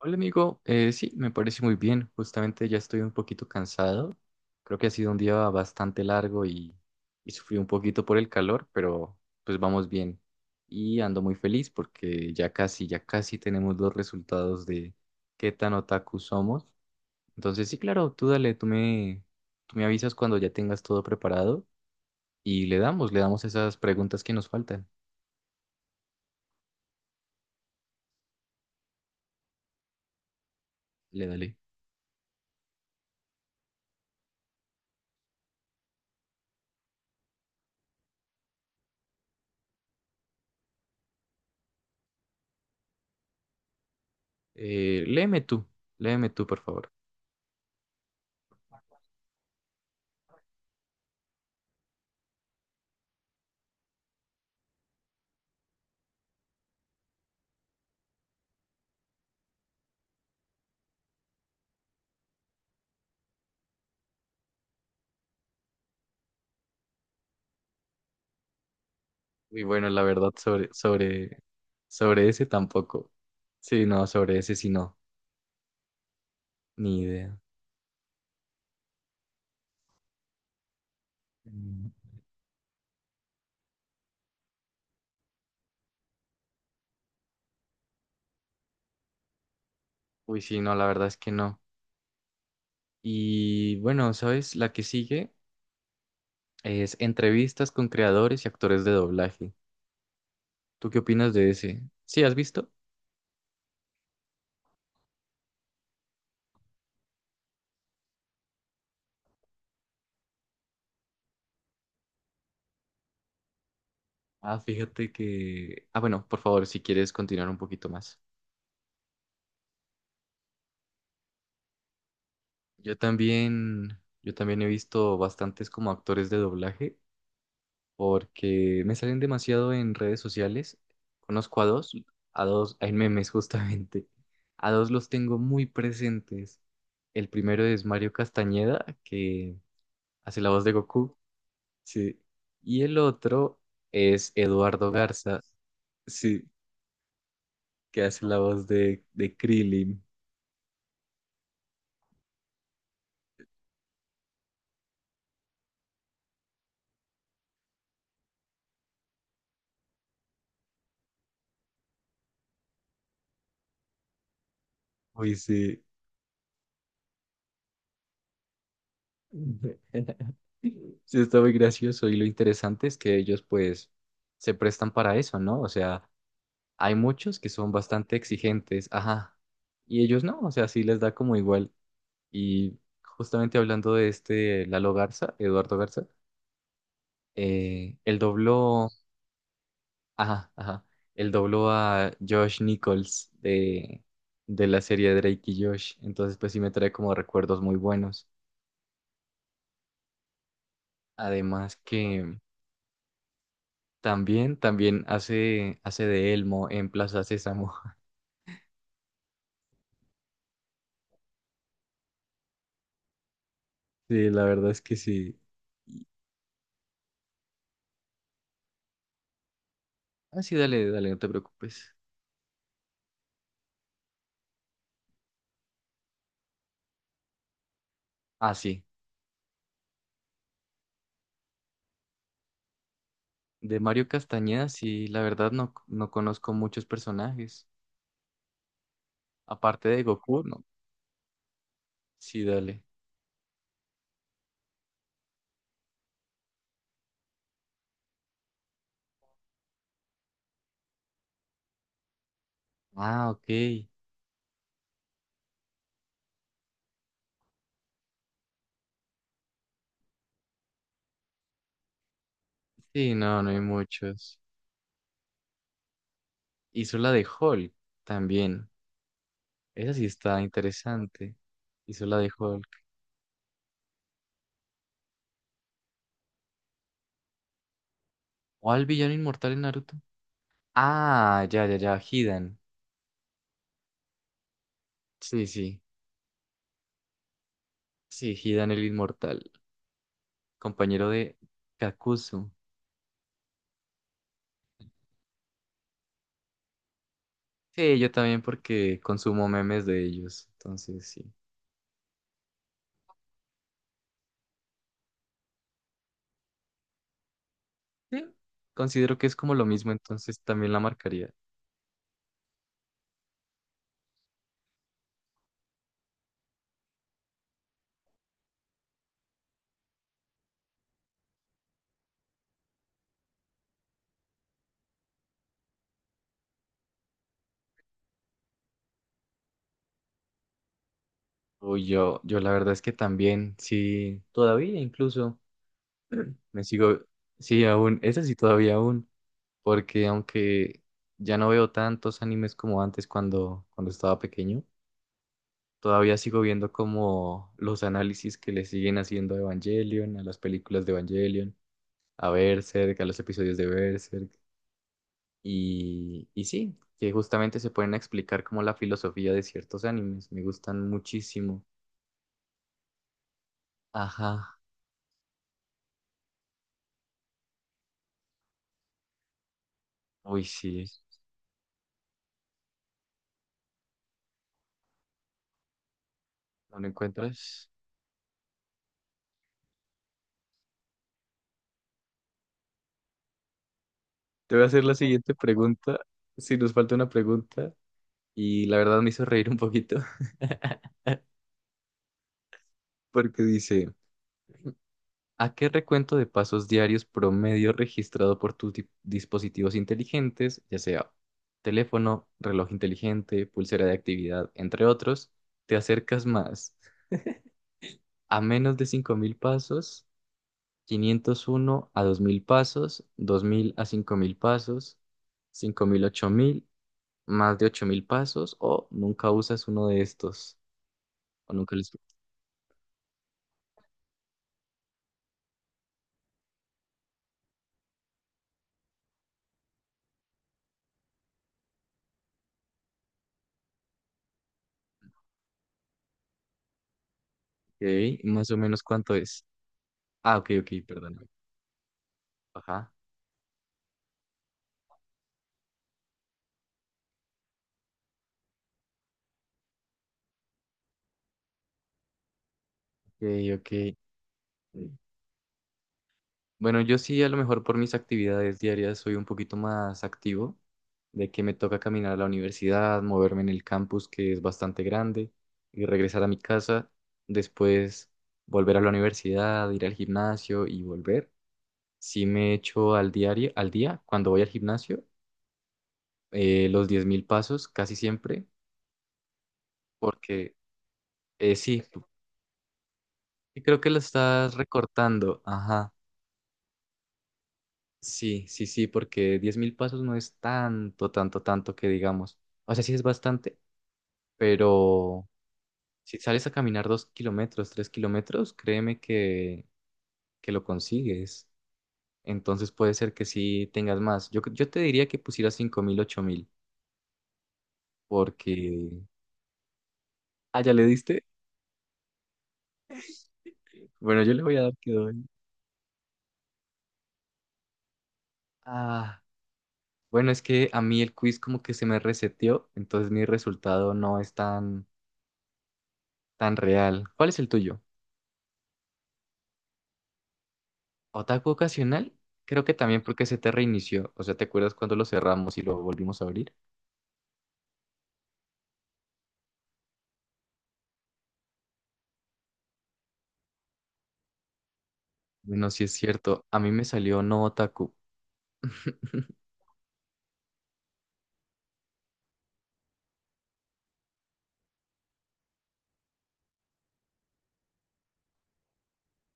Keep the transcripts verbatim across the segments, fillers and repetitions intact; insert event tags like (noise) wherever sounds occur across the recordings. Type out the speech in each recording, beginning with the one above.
Hola amigo, Eh, sí, me parece muy bien. Justamente ya estoy un poquito cansado. Creo que ha sido un día bastante largo y, y sufrí un poquito por el calor, pero pues vamos bien. Y ando muy feliz porque ya casi, ya casi tenemos los resultados de qué tan otaku somos. Entonces sí, claro, tú dale, tú me, tú me avisas cuando ya tengas todo preparado y le damos, le damos esas preguntas que nos faltan. Le dale. Eh, léeme tú, léeme tú, por favor. Muy bueno, la verdad, sobre, sobre, sobre ese tampoco. Sí, no, sobre ese sí no, ni idea. Mm. Uy, sí, no, la verdad es que no. Y bueno, ¿sabes? La que sigue es entrevistas con creadores y actores de doblaje. ¿Tú qué opinas de ese? ¿Sí has visto? Ah, fíjate que... Ah, bueno, por favor, si quieres continuar un poquito más. Yo también, yo también he visto bastantes como actores de doblaje porque me salen demasiado en redes sociales. Conozco a dos, a dos, hay memes (laughs) justamente. A dos los tengo muy presentes. El primero es Mario Castañeda, que hace la voz de Goku, sí. Y el otro es Eduardo Garza, sí, que hace la voz de, de Krillin. Uy, sí. (laughs) Sí, está muy gracioso y lo interesante es que ellos pues se prestan para eso, ¿no? O sea, hay muchos que son bastante exigentes, ajá. Y ellos no, o sea, sí les da como igual. Y justamente hablando de este Lalo Garza, Eduardo Garza, eh, él dobló, ajá, ajá, él dobló a Josh Nichols de, de la serie Drake y Josh. Entonces, pues sí me trae como recuerdos muy buenos. Además que también, también hace, hace de Elmo en Plaza Sésamo. (laughs) Sí, la verdad es que sí. Ah, sí, dale, dale, no te preocupes. Ah, sí. De Mario Castañeda, sí, la verdad no, no conozco muchos personajes. Aparte de Goku, no. Sí, dale. Ah, ok. Sí, no, no hay muchos. Hizo la de Hulk también. Esa sí está interesante. Hizo la de Hulk. ¿Cuál villano inmortal en Naruto? Ah, ya, ya, ya, Hidan. Sí, sí. Sí, Hidan el inmortal. Compañero de Kakuzu. Sí, yo también porque consumo memes de ellos. Entonces, sí. Sí, considero que es como lo mismo, entonces también la marcaría. O yo, yo la verdad es que también, sí, todavía incluso me sigo, sí, aún, esa sí todavía aún, porque aunque ya no veo tantos animes como antes cuando, cuando estaba pequeño, todavía sigo viendo como los análisis que le siguen haciendo a Evangelion, a las películas de Evangelion, a Berserk, a los episodios de Berserk. Y, y sí, que justamente se pueden explicar como la filosofía de ciertos animes. Me gustan muchísimo. Ajá. Uy, sí. ¿No lo encuentras? Te voy a hacer la siguiente pregunta. Si nos falta una pregunta. Y la verdad me hizo reír un poquito. (laughs) Porque dice, ¿a qué recuento de pasos diarios promedio registrado por tus di- dispositivos inteligentes, ya sea teléfono, reloj inteligente, pulsera de actividad, entre otros, te acercas más? A menos de cinco mil pasos, quinientos uno a dos mil pasos, dos mil a cinco mil pasos, cinco mil a ocho mil, más de ocho mil pasos, o nunca usas uno de estos, o nunca les... Ok, más o menos cuánto es. Ah, ok, ok, perdóname. Ajá, ok, ok. Bueno, yo sí, a lo mejor por mis actividades diarias soy un poquito más activo, de que me toca caminar a la universidad, moverme en el campus que es bastante grande y regresar a mi casa, después volver a la universidad, ir al gimnasio y volver. Sí me echo al diario, al día, cuando voy al gimnasio, eh, los diez mil pasos casi siempre, porque eh, sí, y creo que lo estás recortando, ajá. Sí, sí, sí, porque diez mil pasos no es tanto, tanto, tanto que digamos. O sea, sí es bastante, pero si sales a caminar dos kilómetros, tres kilómetros, créeme que, que lo consigues. Entonces puede ser que sí tengas más. Yo, yo te diría que pusieras cinco mil ocho mil, porque... Ah, ¿ya le diste? Bueno, yo le voy a dar que doy. Ah, bueno, es que a mí el quiz como que se me reseteó, entonces mi resultado no es tan, tan real. ¿Cuál es el tuyo? Otaku ocasional, creo que también porque se te reinició. O sea, ¿te acuerdas cuando lo cerramos y lo volvimos a abrir? Bueno, sí es cierto, a mí me salió no otaku. (laughs)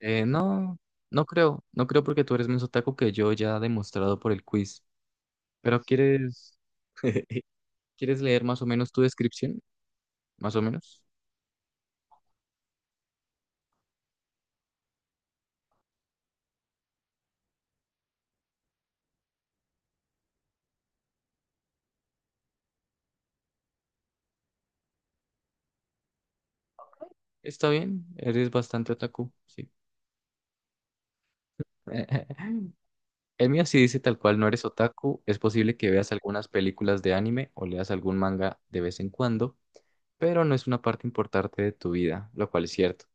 Eh, no, no creo, no creo porque tú eres menos otaku que yo ya demostrado por el quiz. Pero quieres, (laughs) ¿quieres leer más o menos tu descripción? Más o menos. Está bien, eres bastante otaku, sí. (laughs) El mío sí dice tal cual, no eres otaku, es posible que veas algunas películas de anime o leas algún manga de vez en cuando. Pero no es una parte importante de tu vida, lo cual es cierto.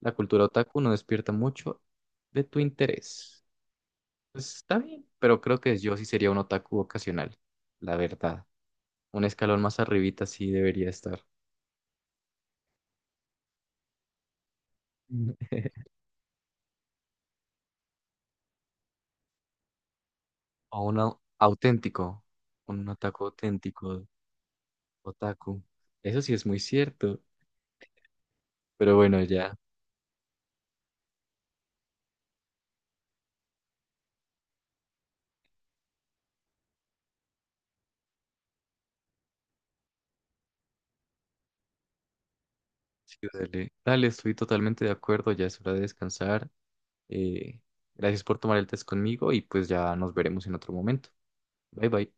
La cultura otaku no despierta mucho de tu interés. Pues está bien, pero creo que yo sí sería un otaku ocasional, la verdad. Un escalón más arribita sí debería estar. Mm. O un au- auténtico, un otaku auténtico, otaku. Eso sí es muy cierto, pero bueno, ya, sí, dale, dale, estoy totalmente de acuerdo, ya es hora de descansar. Eh, gracias por tomar el test conmigo y pues ya nos veremos en otro momento. Bye bye.